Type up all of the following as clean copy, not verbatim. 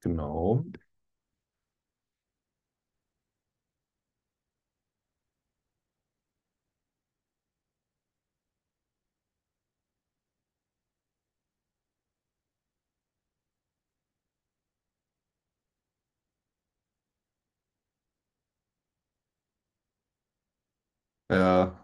Genau. Ja,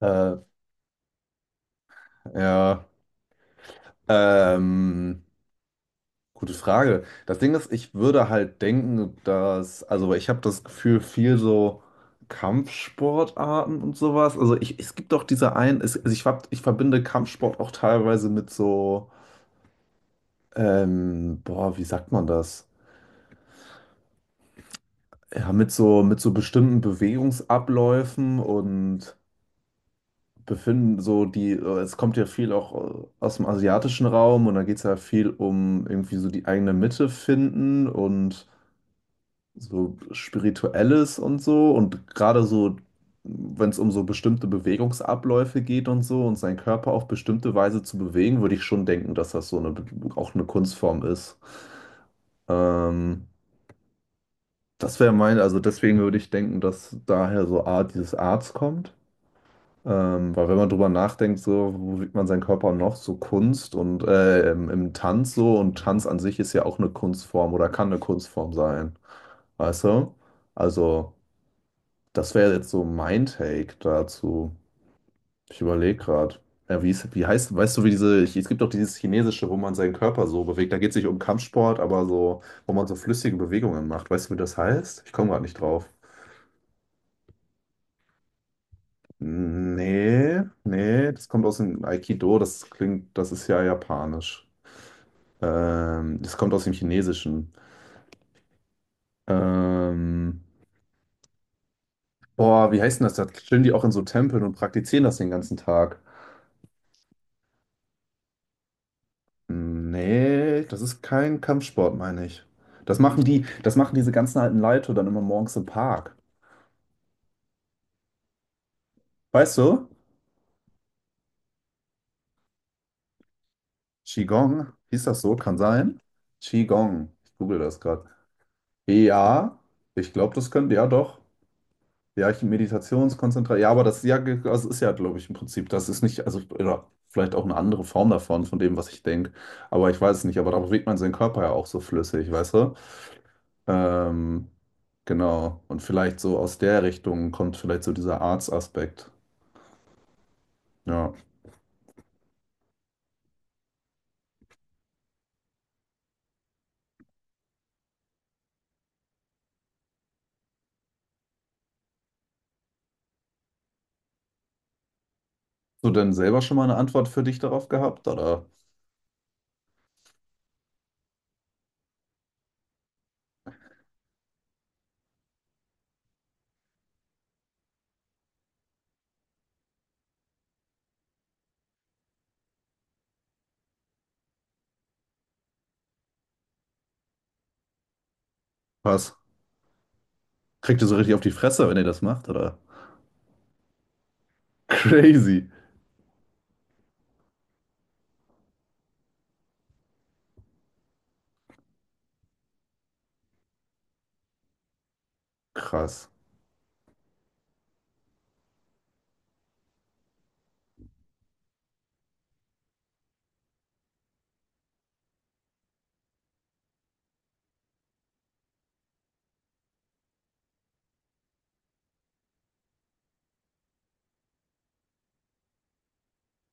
äh, ja. Ähm, Gute Frage. Das Ding ist, ich würde halt denken, dass, also ich habe das Gefühl, viel so Kampfsportarten und sowas. Also ich, es gibt doch diese einen, es, also ich, ich verbinde Kampfsport auch teilweise mit so, boah, wie sagt man das? Ja, mit so bestimmten Bewegungsabläufen und befinden so die, es kommt ja viel auch aus dem asiatischen Raum und da geht es ja viel um irgendwie so die eigene Mitte finden und so Spirituelles und so und gerade so, wenn es um so bestimmte Bewegungsabläufe geht und so und seinen Körper auf bestimmte Weise zu bewegen, würde ich schon denken, dass das so eine, auch eine Kunstform ist. Ähm, Das wäre mein, also deswegen würde ich denken, dass daher so Art, dieses Arts kommt. Weil wenn man drüber nachdenkt, so, wo wiegt man seinen Körper noch? So Kunst und im Tanz so. Und Tanz an sich ist ja auch eine Kunstform oder kann eine Kunstform sein. Weißt du? Also, das wäre jetzt so mein Take dazu. Ich überlege gerade. Ja, wie heißt, weißt du, wie diese, es gibt doch dieses Chinesische, wo man seinen Körper so bewegt. Da geht es nicht um Kampfsport, aber so, wo man so flüssige Bewegungen macht. Weißt du, wie das heißt? Ich komme gerade nicht drauf. Nee, das kommt aus dem Aikido, das klingt, das ist ja japanisch. Das kommt aus dem Chinesischen. Ähm, Boah, wie heißt denn das? Da stehen die auch in so Tempeln und praktizieren das den ganzen Tag. Nee, das ist kein Kampfsport, meine ich. Das machen die, das machen diese ganzen alten Leute dann immer morgens im Park. Weißt du? Qigong, hieß das so? Kann sein. Qigong. Ich google das gerade. Ja, ich glaube, das könnte, ja doch. Ja, ich Meditationskonzentration. Ja, aber das ja, also ist ja, glaube ich, im Prinzip, das ist nicht, also oder vielleicht auch eine andere Form davon, von dem, was ich denke. Aber ich weiß es nicht. Aber da bewegt man seinen Körper ja auch so flüssig, weißt du? Ähm, genau. Und vielleicht so aus der Richtung kommt vielleicht so dieser Arts-Aspekt. Ja. Hast du denn selber schon mal eine Antwort für dich darauf gehabt? Oder was? Kriegt ihr so richtig auf die Fresse, wenn ihr das macht? Oder? Crazy. Krass.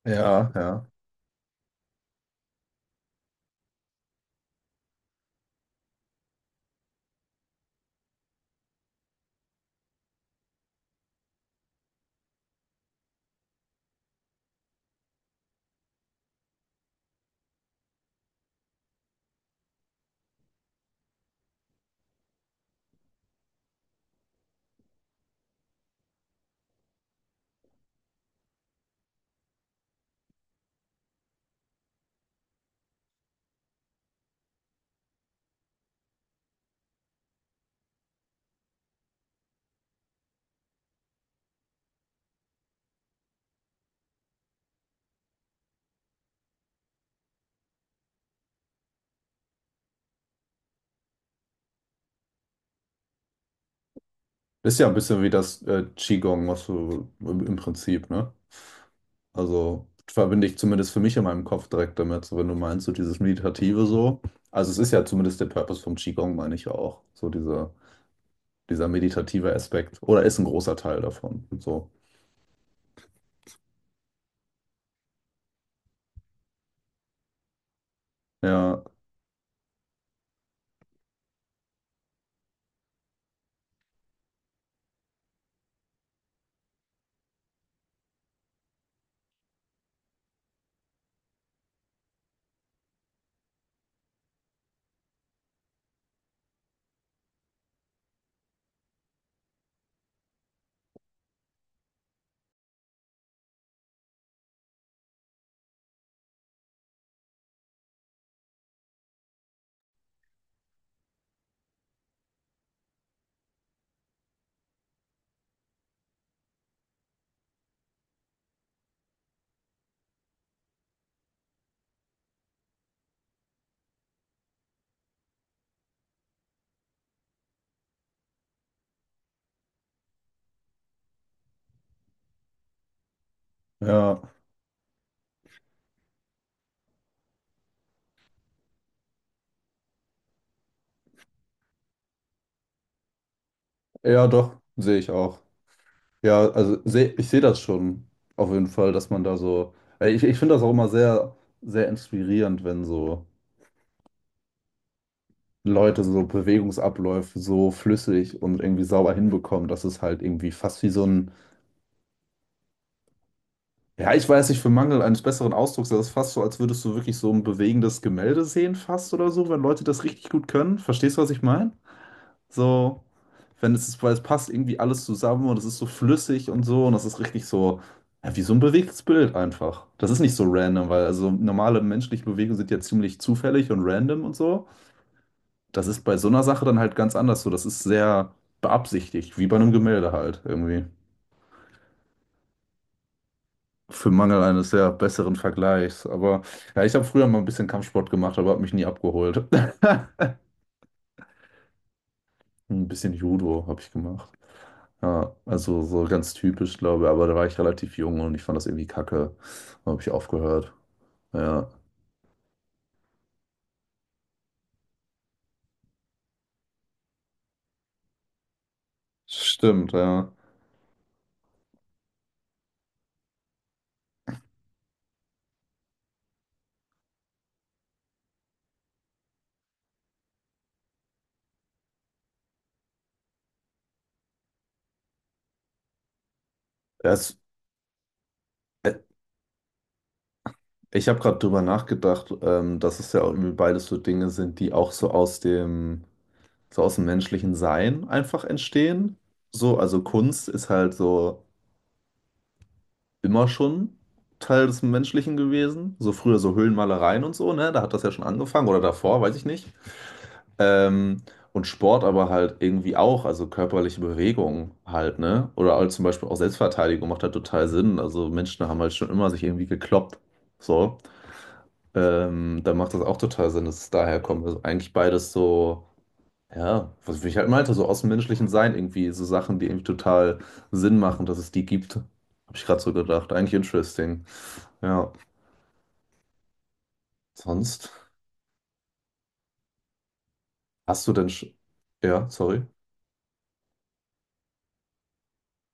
Ja. Ja, ja. Ist ja ein bisschen wie das Qigong, was du im Prinzip, ne? Also verbinde ich zumindest für mich in meinem Kopf direkt damit, so wenn du meinst, so dieses Meditative so. Also es ist ja zumindest der Purpose vom Qigong, meine ich ja auch. So dieser, dieser meditative Aspekt. Oder ist ein großer Teil davon. So. Ja, ja, ja, doch, sehe ich auch. Ja, also ich sehe das schon auf jeden Fall, dass man da so. Ich, ich finde das auch immer sehr, sehr inspirierend, wenn so Leute so Bewegungsabläufe so flüssig und irgendwie sauber hinbekommen, dass es halt irgendwie fast wie so ein Ja, ich weiß nicht, für Mangel eines besseren Ausdrucks, das ist fast so, als würdest du wirklich so ein bewegendes Gemälde sehen, fast oder so, wenn Leute das richtig gut können. Verstehst du, was ich meine? So, wenn es ist, weil es passt irgendwie alles zusammen und es ist so flüssig und so und das ist richtig so, ja, wie so ein bewegtes Bild einfach. Das ist nicht so random, weil also normale menschliche Bewegungen sind ja ziemlich zufällig und random und so. Das ist bei so einer Sache dann halt ganz anders so. Das ist sehr beabsichtigt, wie bei einem Gemälde halt irgendwie. Für Mangel eines sehr besseren Vergleichs. Aber ja, ich habe früher mal ein bisschen Kampfsport gemacht, aber habe mich nie abgeholt. Ein bisschen Judo habe ich gemacht. Ja, also so ganz typisch, glaube ich. Aber da war ich relativ jung und ich fand das irgendwie kacke. Da habe ich aufgehört. Ja, stimmt, ja. Das, äh, Ich habe gerade drüber nachgedacht, dass es ja auch irgendwie beides so Dinge sind, die auch so aus dem menschlichen Sein einfach entstehen. So, also Kunst ist halt so. Immer schon Teil des Menschlichen gewesen. So früher so Höhlenmalereien und so, ne? Da hat das ja schon angefangen oder davor, weiß ich nicht. Ähm, und Sport aber halt irgendwie auch, also körperliche Bewegung halt, ne? Oder halt zum Beispiel auch Selbstverteidigung macht halt total Sinn. Also Menschen haben halt schon immer sich irgendwie gekloppt. So. Da macht das auch total Sinn, dass es daher kommt. Also eigentlich beides so. Ja, was ich halt meinte, so aus dem menschlichen Sein irgendwie, so Sachen, die irgendwie total Sinn machen, dass es die gibt. Habe ich gerade so gedacht. Eigentlich interesting. Ja, sonst hast du denn sch ja, sorry.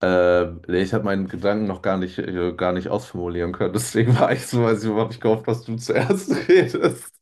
Nee, ich habe meinen Gedanken noch gar nicht ausformulieren können, deswegen war ich so, weiß ich, habe ich gehofft, dass du zuerst redest.